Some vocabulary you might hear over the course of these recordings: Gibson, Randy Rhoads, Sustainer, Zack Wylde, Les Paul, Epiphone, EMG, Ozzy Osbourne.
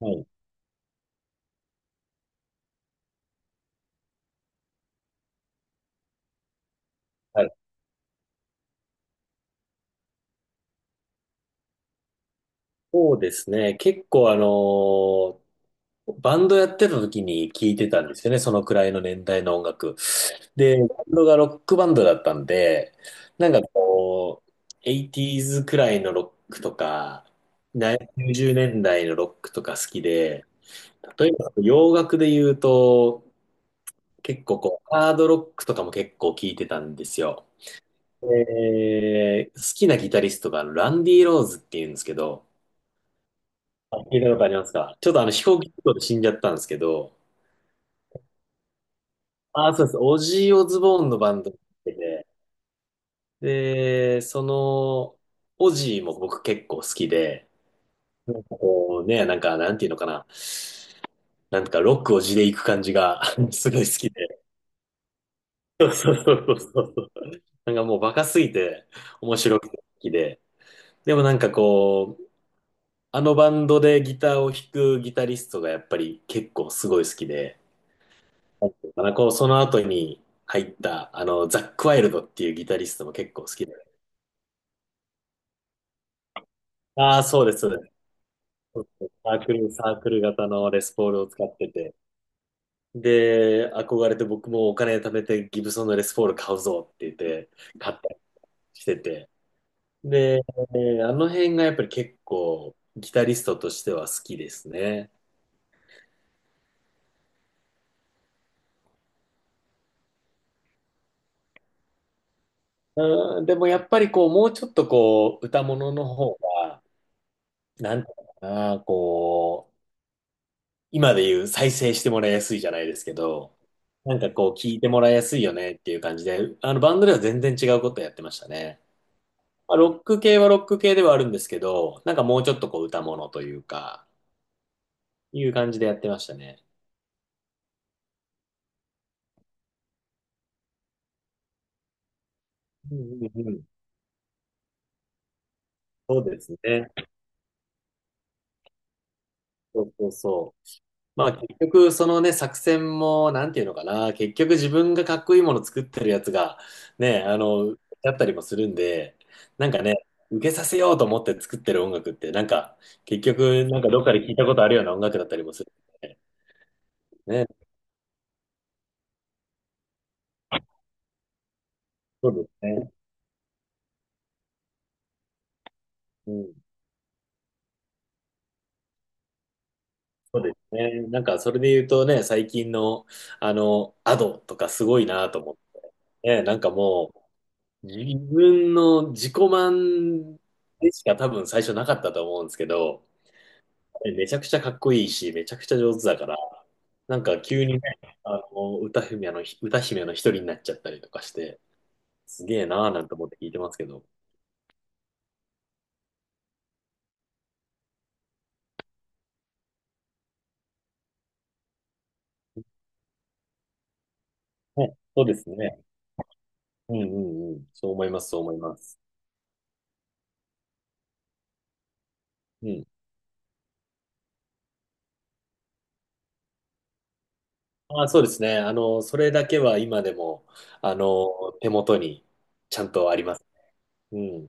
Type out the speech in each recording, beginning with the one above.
はい。はい。そうですね。結構バンドやってた時に聞いてたんですよね。そのくらいの年代の音楽。で、バンドがロックバンドだったんで、なんかこう、80s くらいのロックとか、90年代のロックとか好きで、例えば洋楽で言うと、結構ハードロックとかも結構聞いてたんですよ。好きなギタリストがランディ・ローズっていうんですけど、あ、聞いたことありますか？ちょっとあの飛行機事故で死んじゃったんですけど、あ、そうです。オジー・オズボーンのバンドにってて、で、オジーも僕結構好きで、なんていうのかな。ロックを地で行く感じが すごい好きで。そうそうそうそうそう。もうバカすぎて面白くて好きで。でもあのバンドでギターを弾くギタリストがやっぱり結構すごい好きで、まあこう、その後に入った、ザック・ワイルドっていうギタリストも結構好きで。ああ、そうです、そうです。そうです。サークル型のレスポールを使ってて。で、憧れて僕もお金貯めてギブソンのレスポール買うぞって言って、買ったりしてて。で、あの辺がやっぱり結構ギタリストとしては好きですね。うん、でもやっぱりもうちょっと歌物の方が、なんていうのかな、今で言う再生してもらいやすいじゃないですけど、聞いてもらいやすいよねっていう感じで、あのバンドでは全然違うことやってましたね。まあ、ロック系はロック系ではあるんですけど、もうちょっと歌物というか、いう感じでやってましたね。うんうんうん。そうですね。そうそうそう。まあ結局、そのね、作戦も、なんていうのかな、結局自分がかっこいいもの作ってるやつが、ね、だったりもするんで、ね、受けさせようと思って作ってる音楽って、結局どっかで聞いたことあるような音楽だったりもするんで、ね。そうですね、うん、そうですね。それで言うとね、最近のあのアドとかすごいなと思って、ね。もう自分の自己満でしか多分最初なかったと思うんですけど、ね。めちゃくちゃかっこいいし、めちゃくちゃ上手だから、急にね、歌姫の一人になっちゃったりとかして、すげえなーなんて思って聞いてますけど。ね、そうですね。うんうんうん。そう思います、そう思います。うん。そうですね。それだけは今でも、手元にちゃんとあります。うん。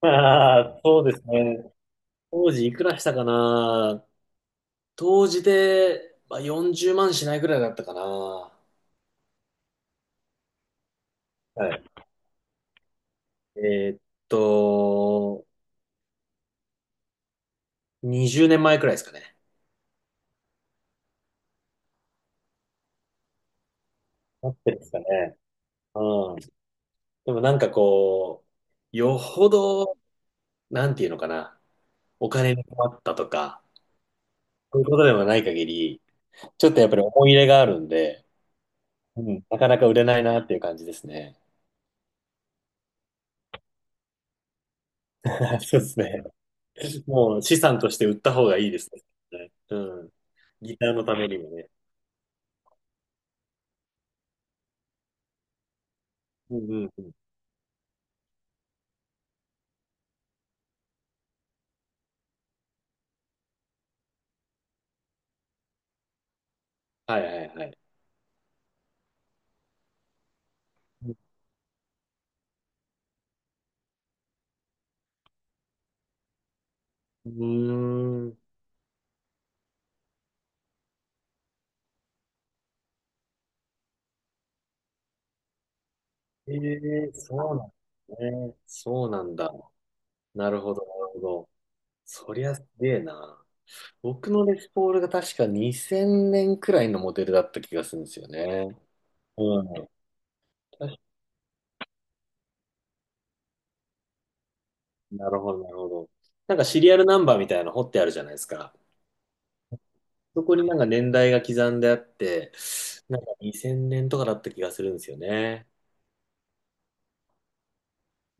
ああ、そうですね。当時いくらしたかな。当時で、まあ、40万しないぐらいだったかな。はい。えーっと、20年前くらいですかね。なってるんですかね。うん。でもよほど、なんていうのかな、お金に困ったとか、そういうことではない限り、ちょっとやっぱり思い入れがあるんで、うん、なかなか売れないなっていう感じですね。そうですね。もう資産として売った方がいいですね。うん。ギターのためにもね。うんうんうん。はいはいはい。うーん。ええ、そうなんね。そうなんだ。なるほど、なるほど。そりゃすげえな。僕のレスポールが確か2000年くらいのモデルだった気がするんですよね。うん。確かなるほど、なるほど。シリアルナンバーみたいなの掘ってあるじゃないですか。そこに年代が刻んであって、2000年とかだった気がするんですよね。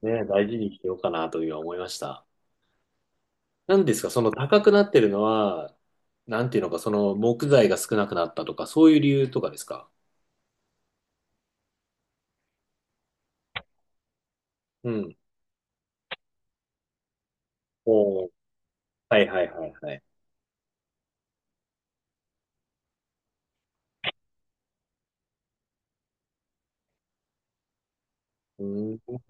ねえ、大事にしてようかなというふうに思いました。なんですか、その高くなってるのは、なんていうのか、その木材が少なくなったとか、そういう理由とかですか？うん。おー、はいはいはいはい。うーん。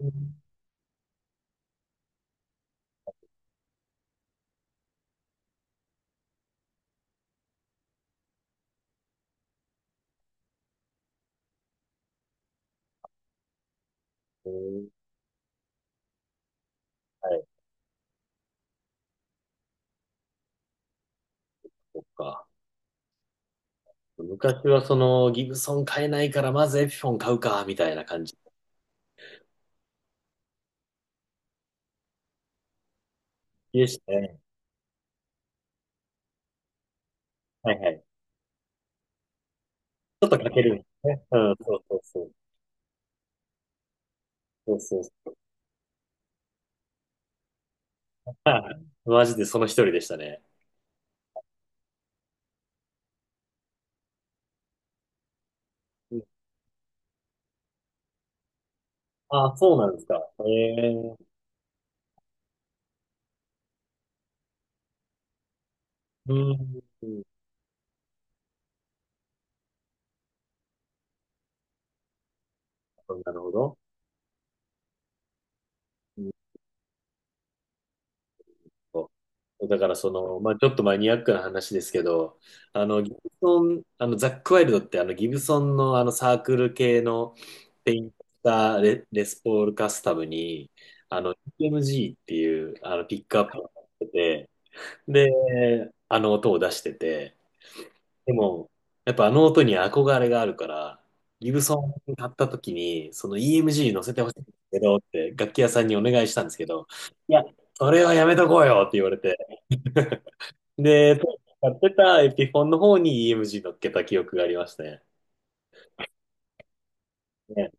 えー、はい、そっか。昔はそのギブソン買えないから、まずエピフォン買うか、みたいな感じでしたね。はいはい。ちょっとかけるんですね。うん、そうそうそう。そうそうそう。はい。マジでその一人でしたね。うん。あ、そうなんですか。ええ。うん。なるほど。なるほど。だから、その、まあ、ちょっとマニアックな話ですけど、あの、ギブソン、あの、ザックワイルドってあの、ギブソンのあの、サークル系のペインタレ、レスポールカスタムに、EMG っていう、ピックアップをやってて、で、あの音を出してて、でも、やっぱあの音に憧れがあるから、ギブソン買った時に、その EMG 乗せてほしいんですけどって、楽器屋さんにお願いしたんですけど、いや、それはやめとこうよって言われて、で、当時使ってたエピフォンの方に EMG 乗っけた記憶がありましたね。ね。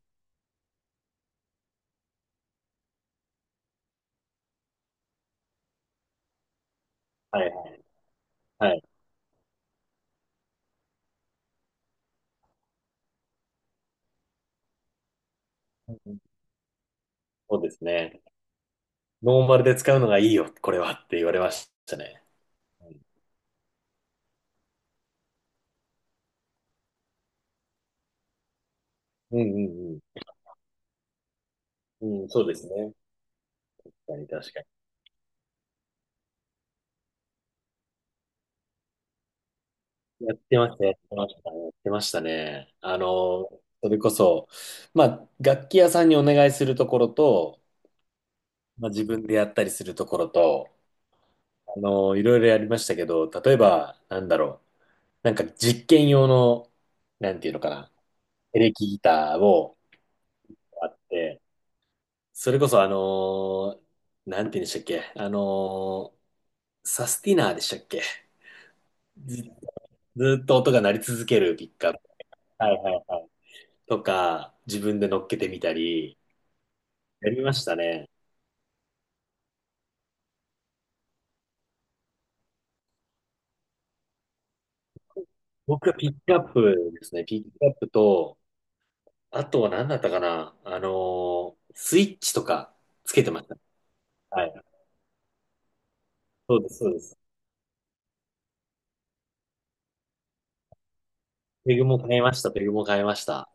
はいはいはい。うん。そうですね。ノーマルで使うのがいいよ、これはって言われましたね。うんうんうん。うん、そうですね。確かに確かに。やってました、やってました、やってましたね。それこそ、まあ、楽器屋さんにお願いするところと、まあ、自分でやったりするところと、いろいろやりましたけど、例えば、なんだろう。実験用の、なんていうのかな。エレキギターをあって、それこそなんて言うんでしたっけ。サスティナーでしたっけ。ず、ずっと音が鳴り続けるピックアップ。はいはいはい。とか、自分で乗っけてみたり、やりましたね。僕はピックアップですね。ピックアップと、あとは何だったかな。スイッチとかつけてました。はい。そうです、そうです。ペグも買いました、ペグも買いました。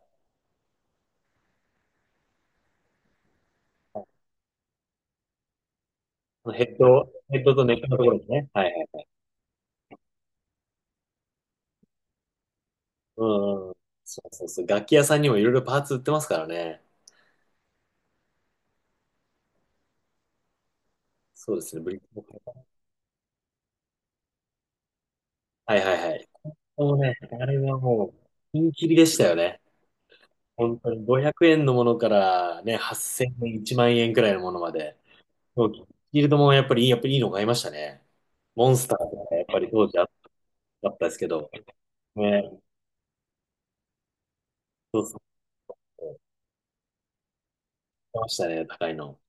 ヘッドとネックのところですね。はいはい。うんうん。そうそうそう。楽器屋さんにもいろいろパーツ売ってますからね。そうですね、ブリッジも買いました。はいはいはい。もうね、あれはもう、ピンキリでしたよね。本当に500円のものからね、8000円、1万円くらいのものまで。そうフィールドもやっぱりいいの買いましたね。モンスターとかやっぱり当時かったですけど。ね、そうそう。来ましたね、高いの。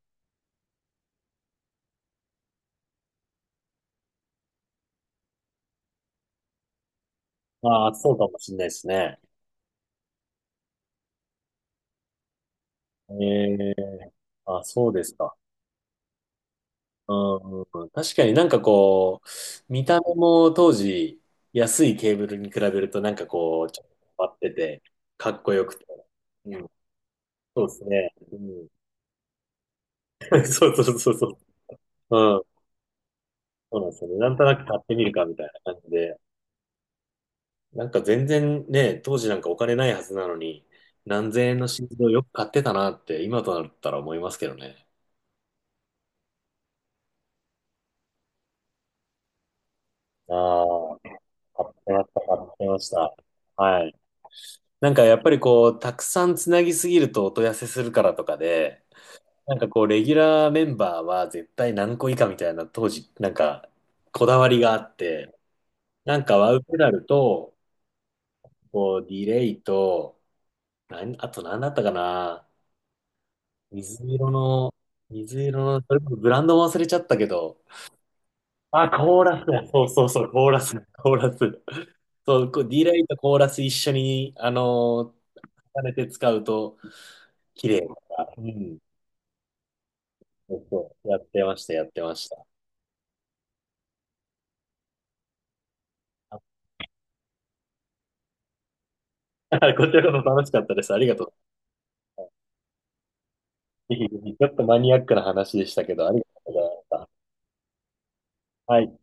ああ、そうかもしれないですね。ええ。あ、そうですか。うんうん。確かに見た目も当時、安いケーブルに比べるとちょっと変わってて、かっこよくて。うん、そうですね。うん、そうそうそうそう。うん、そうなんですよね。なんとなく買ってみるかみたいな感じで。全然ね、当時お金ないはずなのに、何千円の心臓をよく買ってたなって、今となったら思いますけどね。ああ、買ってました、買ってました。はい。やっぱりたくさんつなぎすぎると音痩せするからとかで、レギュラーメンバーは絶対何個以下みたいな当時、こだわりがあって、ワウペダルと、こう、ディレイと、あと何だったかな。水色の、水色の、それこそブランドも忘れちゃったけど、あ、コーラスだ。そうそうそう、コーラス、コーラス。そう、こう、D ラインとコーラス一緒に、重ねて使うと、綺麗だから。うん。そうそう、やってました、やってました。こちらこそ楽しかったです。ありがとう。ぜひぜひちょっとマニアックな話でしたけど、ありがとうございました。はい。